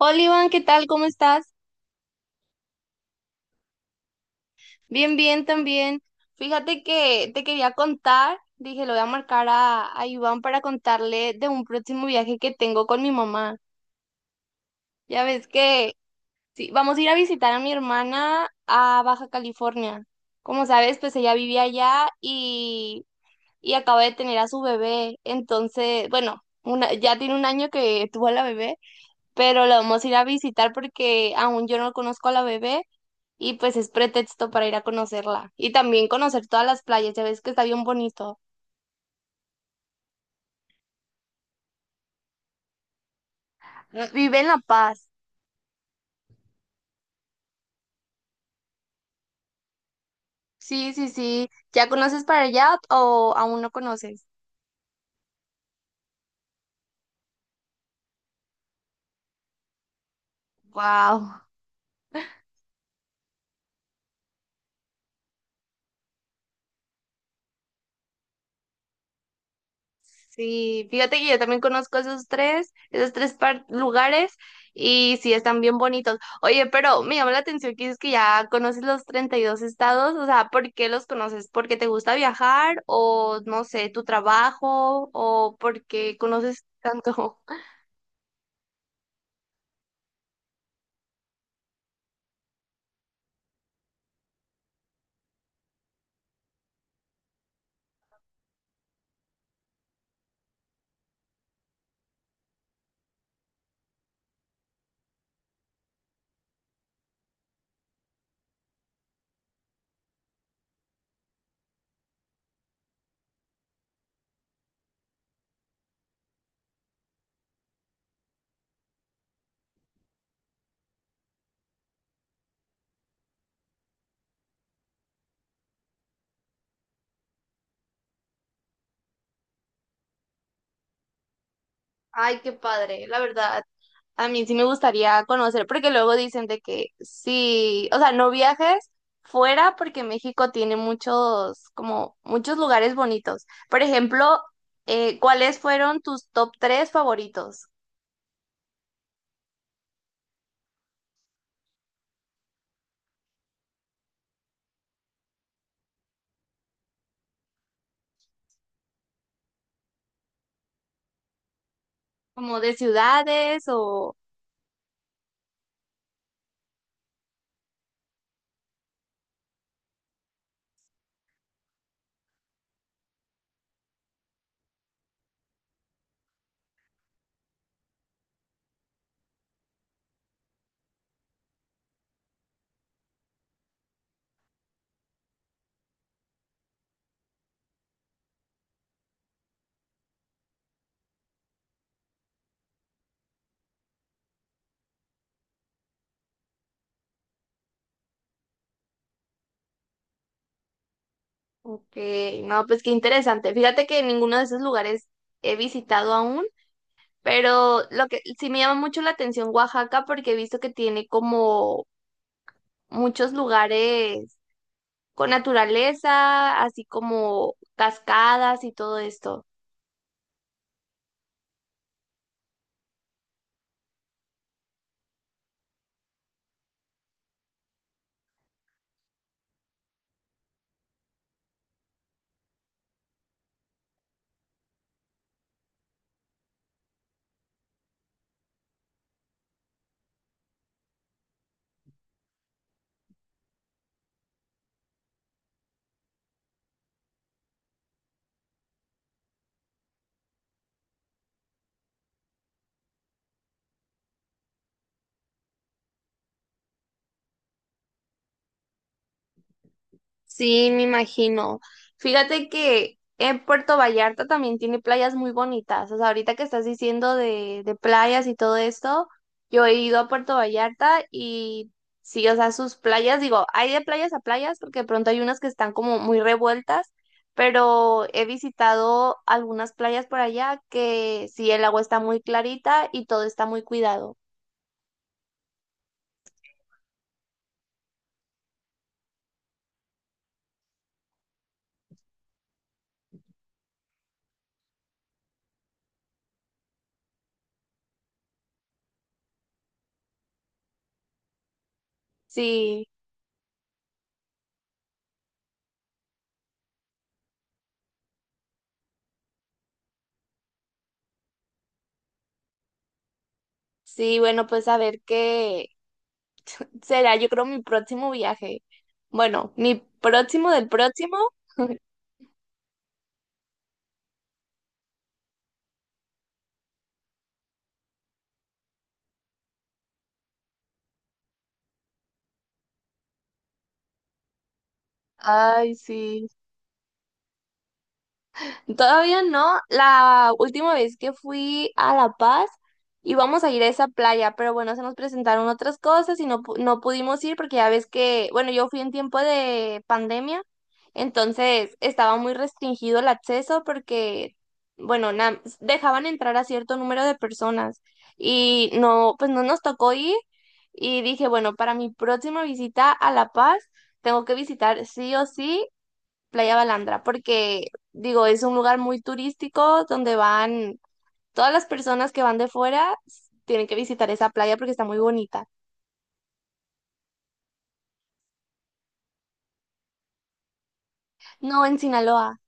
Hola Iván, ¿qué tal? ¿Cómo estás? Bien, bien también. Fíjate que te quería contar, dije, lo voy a marcar a Iván para contarle de un próximo viaje que tengo con mi mamá. Ya ves que sí, vamos a ir a visitar a mi hermana a Baja California. Como sabes, pues ella vivía allá y acaba de tener a su bebé. Entonces, bueno, ya tiene un año que tuvo a la bebé, pero la vamos a ir a visitar porque aún yo no conozco a la bebé. Y pues es pretexto para ir a conocerla y también conocer todas las playas, ya ves que está bien bonito. Vive en La Paz. Sí, sí, sí. ¿Ya conoces para allá o aún no conoces? Wow. Sí, fíjate que yo también conozco esos tres, lugares y sí están bien bonitos. Oye, pero me llama la atención que dices que ya conoces los 32 estados, o sea, ¿por qué los conoces? ¿Porque te gusta viajar o no sé, tu trabajo o porque conoces tanto? Ay, qué padre, la verdad. A mí sí me gustaría conocer, porque luego dicen de que sí, o sea, no viajes fuera porque México tiene muchos, como muchos lugares bonitos. Por ejemplo, ¿cuáles fueron tus top tres favoritos? ¿Como de ciudades o...? Ok, no, pues qué interesante. Fíjate que ninguno de esos lugares he visitado aún, pero lo que sí me llama mucho la atención Oaxaca porque he visto que tiene como muchos lugares con naturaleza, así como cascadas y todo esto. Sí, me imagino. Fíjate que en Puerto Vallarta también tiene playas muy bonitas. O sea, ahorita que estás diciendo de playas y todo esto, yo he ido a Puerto Vallarta y sí, o sea, sus playas, digo, hay de playas a playas porque de pronto hay unas que están como muy revueltas, pero he visitado algunas playas por allá que sí, el agua está muy clarita y todo está muy cuidado. Sí. Sí, bueno, pues a ver qué será, yo creo mi próximo viaje. Bueno, mi próximo del próximo. Ay, sí. Todavía no. La última vez que fui a La Paz íbamos a ir a esa playa, pero bueno, se nos presentaron otras cosas y no no pudimos ir porque ya ves que, bueno, yo fui en tiempo de pandemia, entonces estaba muy restringido el acceso porque, bueno, dejaban entrar a cierto número de personas y no, pues no nos tocó ir y dije, bueno, para mi próxima visita a La Paz tengo que visitar sí o sí Playa Balandra, porque digo, es un lugar muy turístico donde van todas las personas que van de fuera, tienen que visitar esa playa porque está muy bonita. No, en Sinaloa,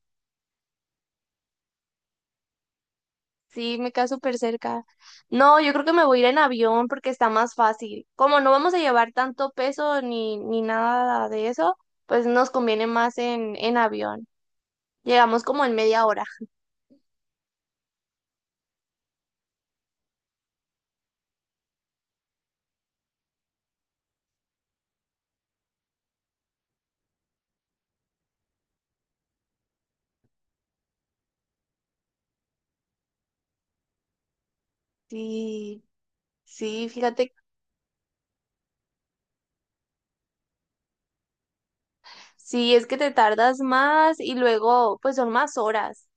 sí, me queda súper cerca. No, yo creo que me voy a ir en avión porque está más fácil. Como no vamos a llevar tanto peso ni nada de eso, pues nos conviene más en avión. Llegamos como en media hora. Sí, sí, fíjate. Sí, es que te tardas más y luego, pues son más horas.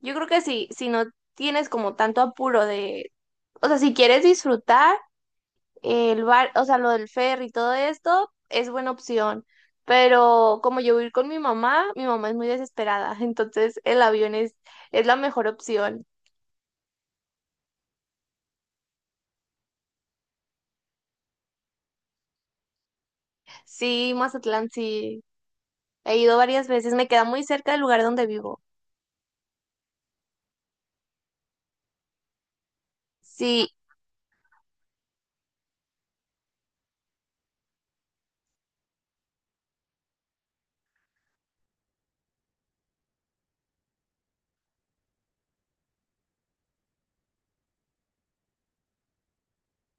Yo creo que si no tienes como tanto apuro de, o sea, si quieres disfrutar el bar, o sea, lo del ferry y todo esto, es buena opción. Pero como yo voy a ir con mi mamá es muy desesperada, entonces el avión es la mejor opción. Sí, Mazatlán, sí, he ido varias veces, me queda muy cerca del lugar donde vivo. Sí,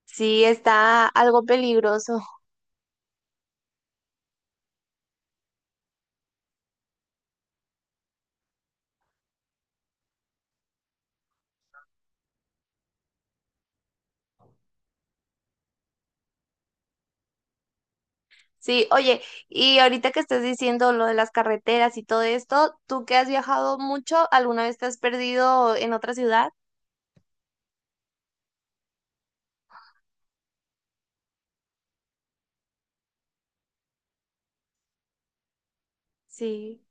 sí, está algo peligroso. Sí, oye, y ahorita que estás diciendo lo de las carreteras y todo esto, ¿tú que has viajado mucho, alguna vez te has perdido en otra ciudad? Sí,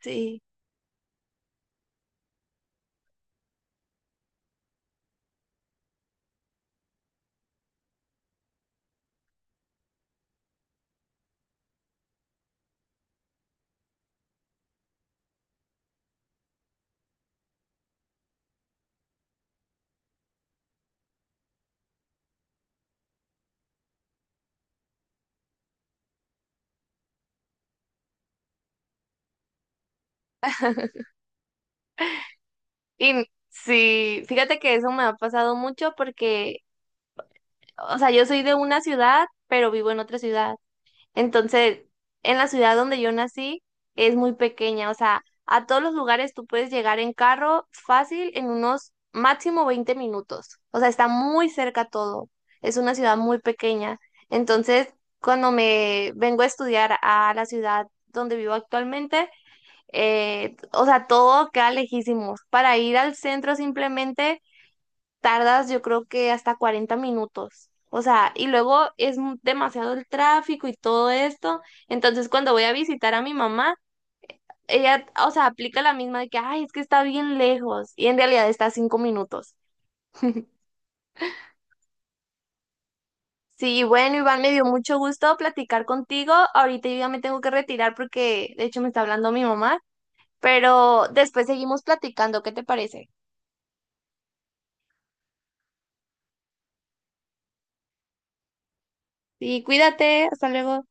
sí. Y sí, fíjate que eso me ha pasado mucho porque, o sea, yo soy de una ciudad, pero vivo en otra ciudad. Entonces, en la ciudad donde yo nací es muy pequeña, o sea, a todos los lugares tú puedes llegar en carro fácil en unos máximo 20 minutos. O sea, está muy cerca todo. Es una ciudad muy pequeña. Entonces, cuando me vengo a estudiar a la ciudad donde vivo actualmente, o sea, todo queda lejísimos. Para ir al centro simplemente tardas yo creo que hasta 40 minutos. O sea, y luego es demasiado el tráfico y todo esto. Entonces, cuando voy a visitar a mi mamá, ella, o sea, aplica la misma de que, ay, es que está bien lejos. Y en realidad está a 5 minutos. Sí, bueno, Iván, me dio mucho gusto platicar contigo. Ahorita yo ya me tengo que retirar porque, de hecho, me está hablando mi mamá. Pero después seguimos platicando, ¿qué te parece? Sí, cuídate, hasta luego.